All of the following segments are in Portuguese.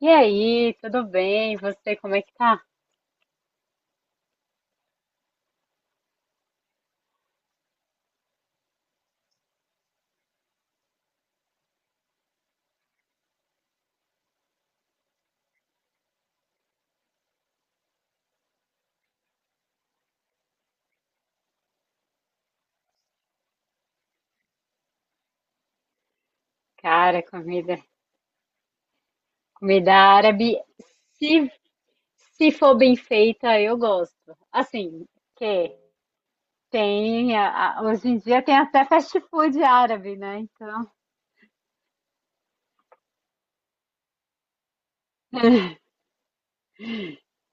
E aí, tudo bem? Você, como é que tá? Cara, comida árabe, se, se for bem feita, eu gosto. Assim, que tem, hoje em dia tem até fast food árabe, né? Então,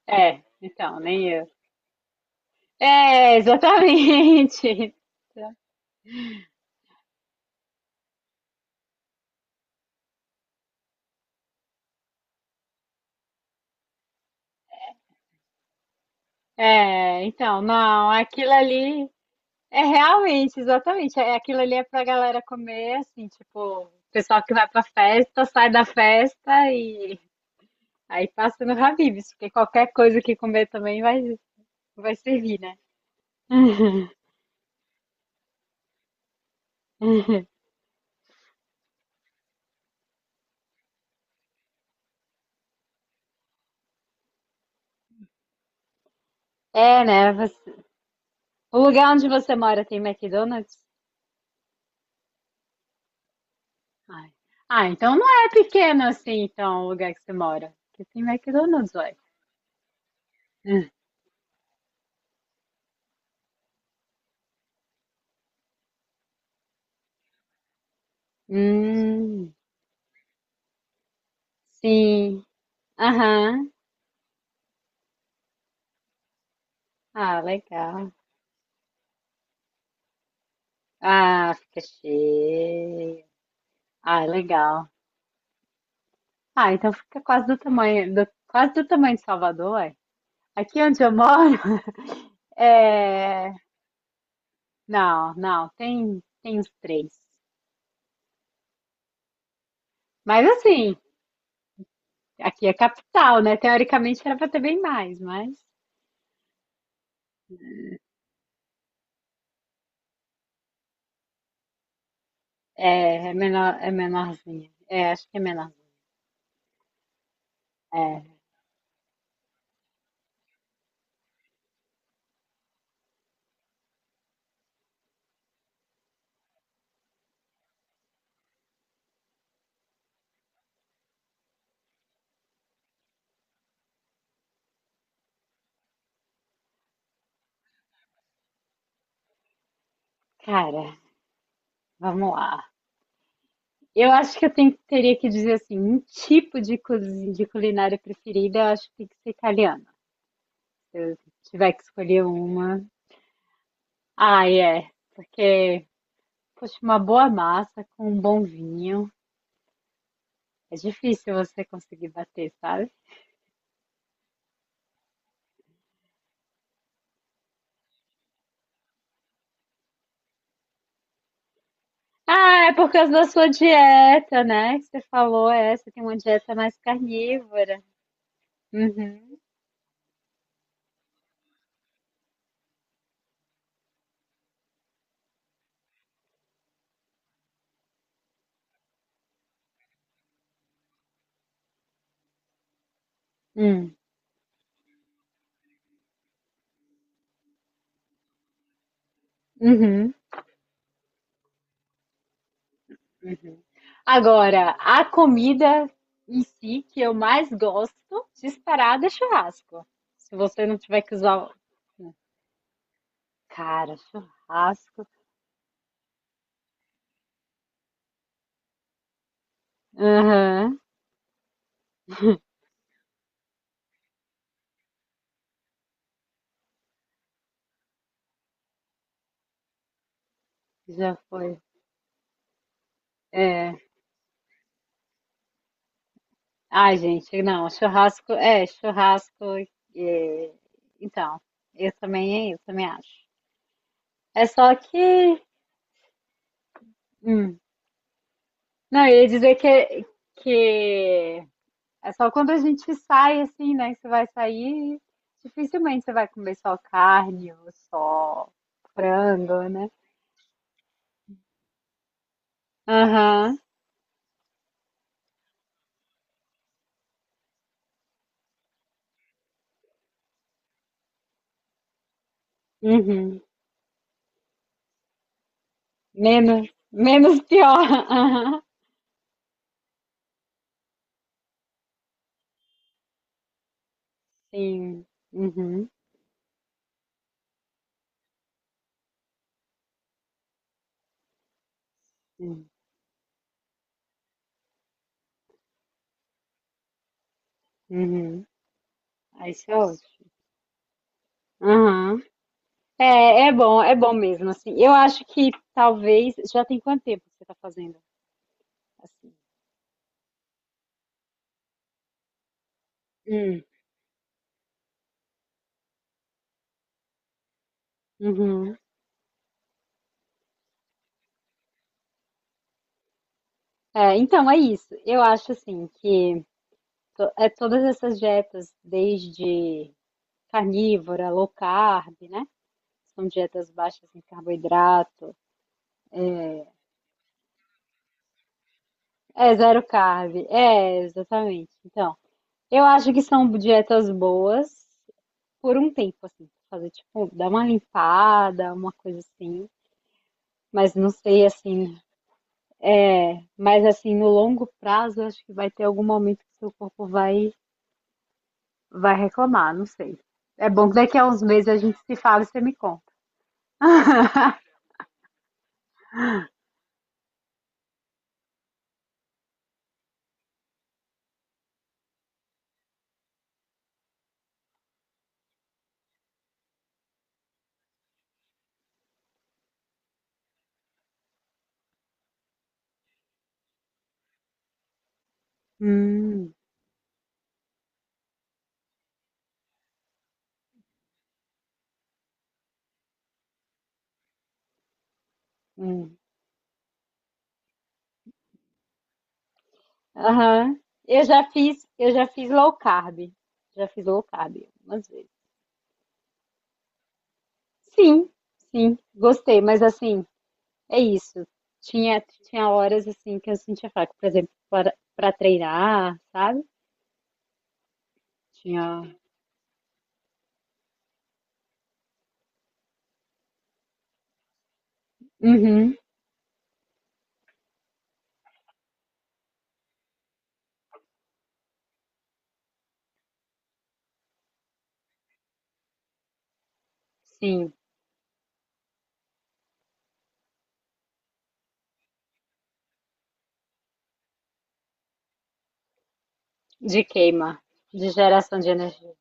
é, então, nem eu. É, exatamente. É, então, não, aquilo ali é realmente, exatamente, é, aquilo ali é pra galera comer, assim, tipo, o pessoal que vai pra festa, sai da festa. Aí passa no Habib's, porque qualquer coisa que comer também vai, vai servir, né? É, né? Você- o lugar onde você mora tem McDonald's? Ai. Ah, então não é pequeno assim, então, o lugar que você mora. Porque tem McDonald's, ué. Hum, sim. Aham. Ah, legal. Ah, fica cheio. Ah, legal. Ah, então fica quase do quase do tamanho de Salvador, ué. Aqui onde eu moro, é, não, não, tem, tem os três. Mas assim, aqui é capital, né? Teoricamente era para ter bem mais, mas é, é menor, é menorzinha. É, acho que é menor. É, cara, vamos lá. Eu acho que eu tenho- teria que dizer assim, um tipo de, de culinária preferida, eu acho que tem que ser italiana. Se tiver que escolher uma. Ah, é. Porque, poxa, uma boa massa com um bom vinho. É difícil você conseguir bater, sabe? Ah, é por causa da sua dieta, né? Que você falou, é, você tem uma dieta mais carnívora. Uhum. Hum. Uhum. Agora, a comida em si que eu mais gosto, disparada, é churrasco. Se você não tiver que usar. O- cara, churrasco. Aham, já foi. É. Ai, gente, não, churrasco. É, churrasco. É, então, eu também acho. É só que. hum, Não, eu ia dizer que é só quando a gente sai assim, né? Que você vai sair, dificilmente você vai comer só carne ou só frango, né? Aham, uhum. Menos, menos pior. Aham, sim. Uhum. Sim. Uhum. Ah, isso é ótimo. Aham. É, é bom mesmo, assim. Eu acho que talvez. Já tem quanto tempo que você tá fazendo assim? Hum, uhum. É, então, é isso. Eu acho assim que. É todas essas dietas, desde carnívora, low carb, né? São dietas baixas em carboidrato. É, zero carb. É, exatamente. Então, eu acho que são dietas boas por um tempo, assim. Fazer, tipo, dar uma limpada, uma coisa assim. Mas não sei, assim, é, mas assim, no longo prazo, eu acho que vai ter algum momento que seu corpo vai, vai reclamar, não sei. É bom que daqui a uns meses a gente se fala e você me conta. Hum. Hum, aham. Eu já fiz low carb. Já fiz low carb algumas vezes. Sim, sim, gostei, mas assim, é isso. Tinha, tinha horas assim que eu sentia fraco, por exemplo, para treinar, sabe? Tinha. Uhum, sim, de queima, de geração de energia.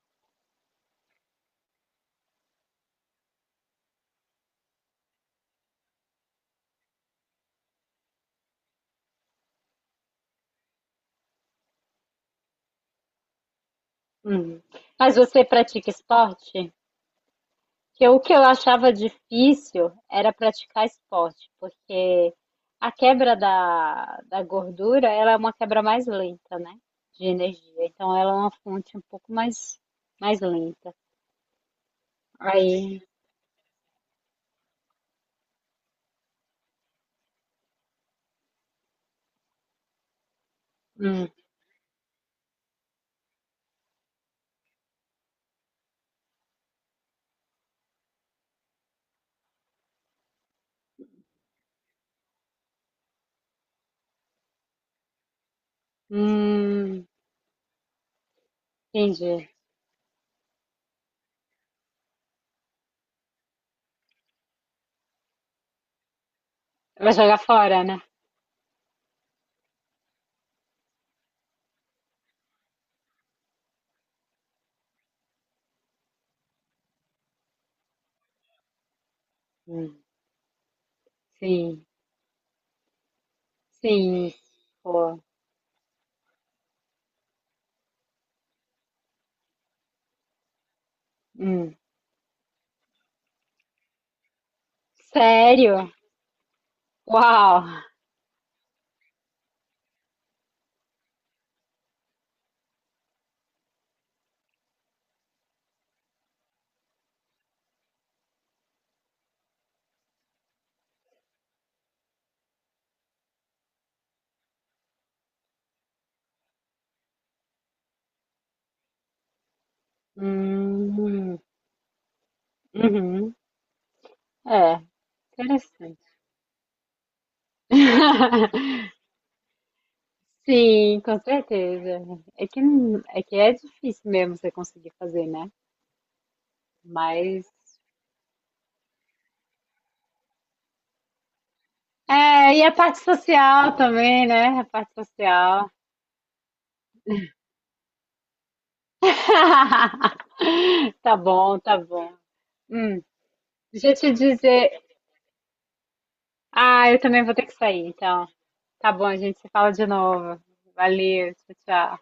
Uhum. Mas você pratica esporte? Que o que eu achava difícil era praticar esporte, porque a quebra da gordura, ela é uma quebra mais lenta, né? De energia. Então ela é uma fonte um pouco mais, mais lenta. Aí, hum, hum, entendi. Vai jogar fora, né? Hum, sim, sim, pô. Hum. Sério? Uau! Hum, uhum. É, interessante. Sim, com certeza. É que, não- é que é difícil mesmo você conseguir fazer, né? Mas. É, e a parte social também, né? A parte social. Tá bom, tá bom. Hum, deixa eu te dizer. Ah, eu também vou ter que sair, então. Tá bom, a gente se fala de novo. Valeu, tchau, tchau.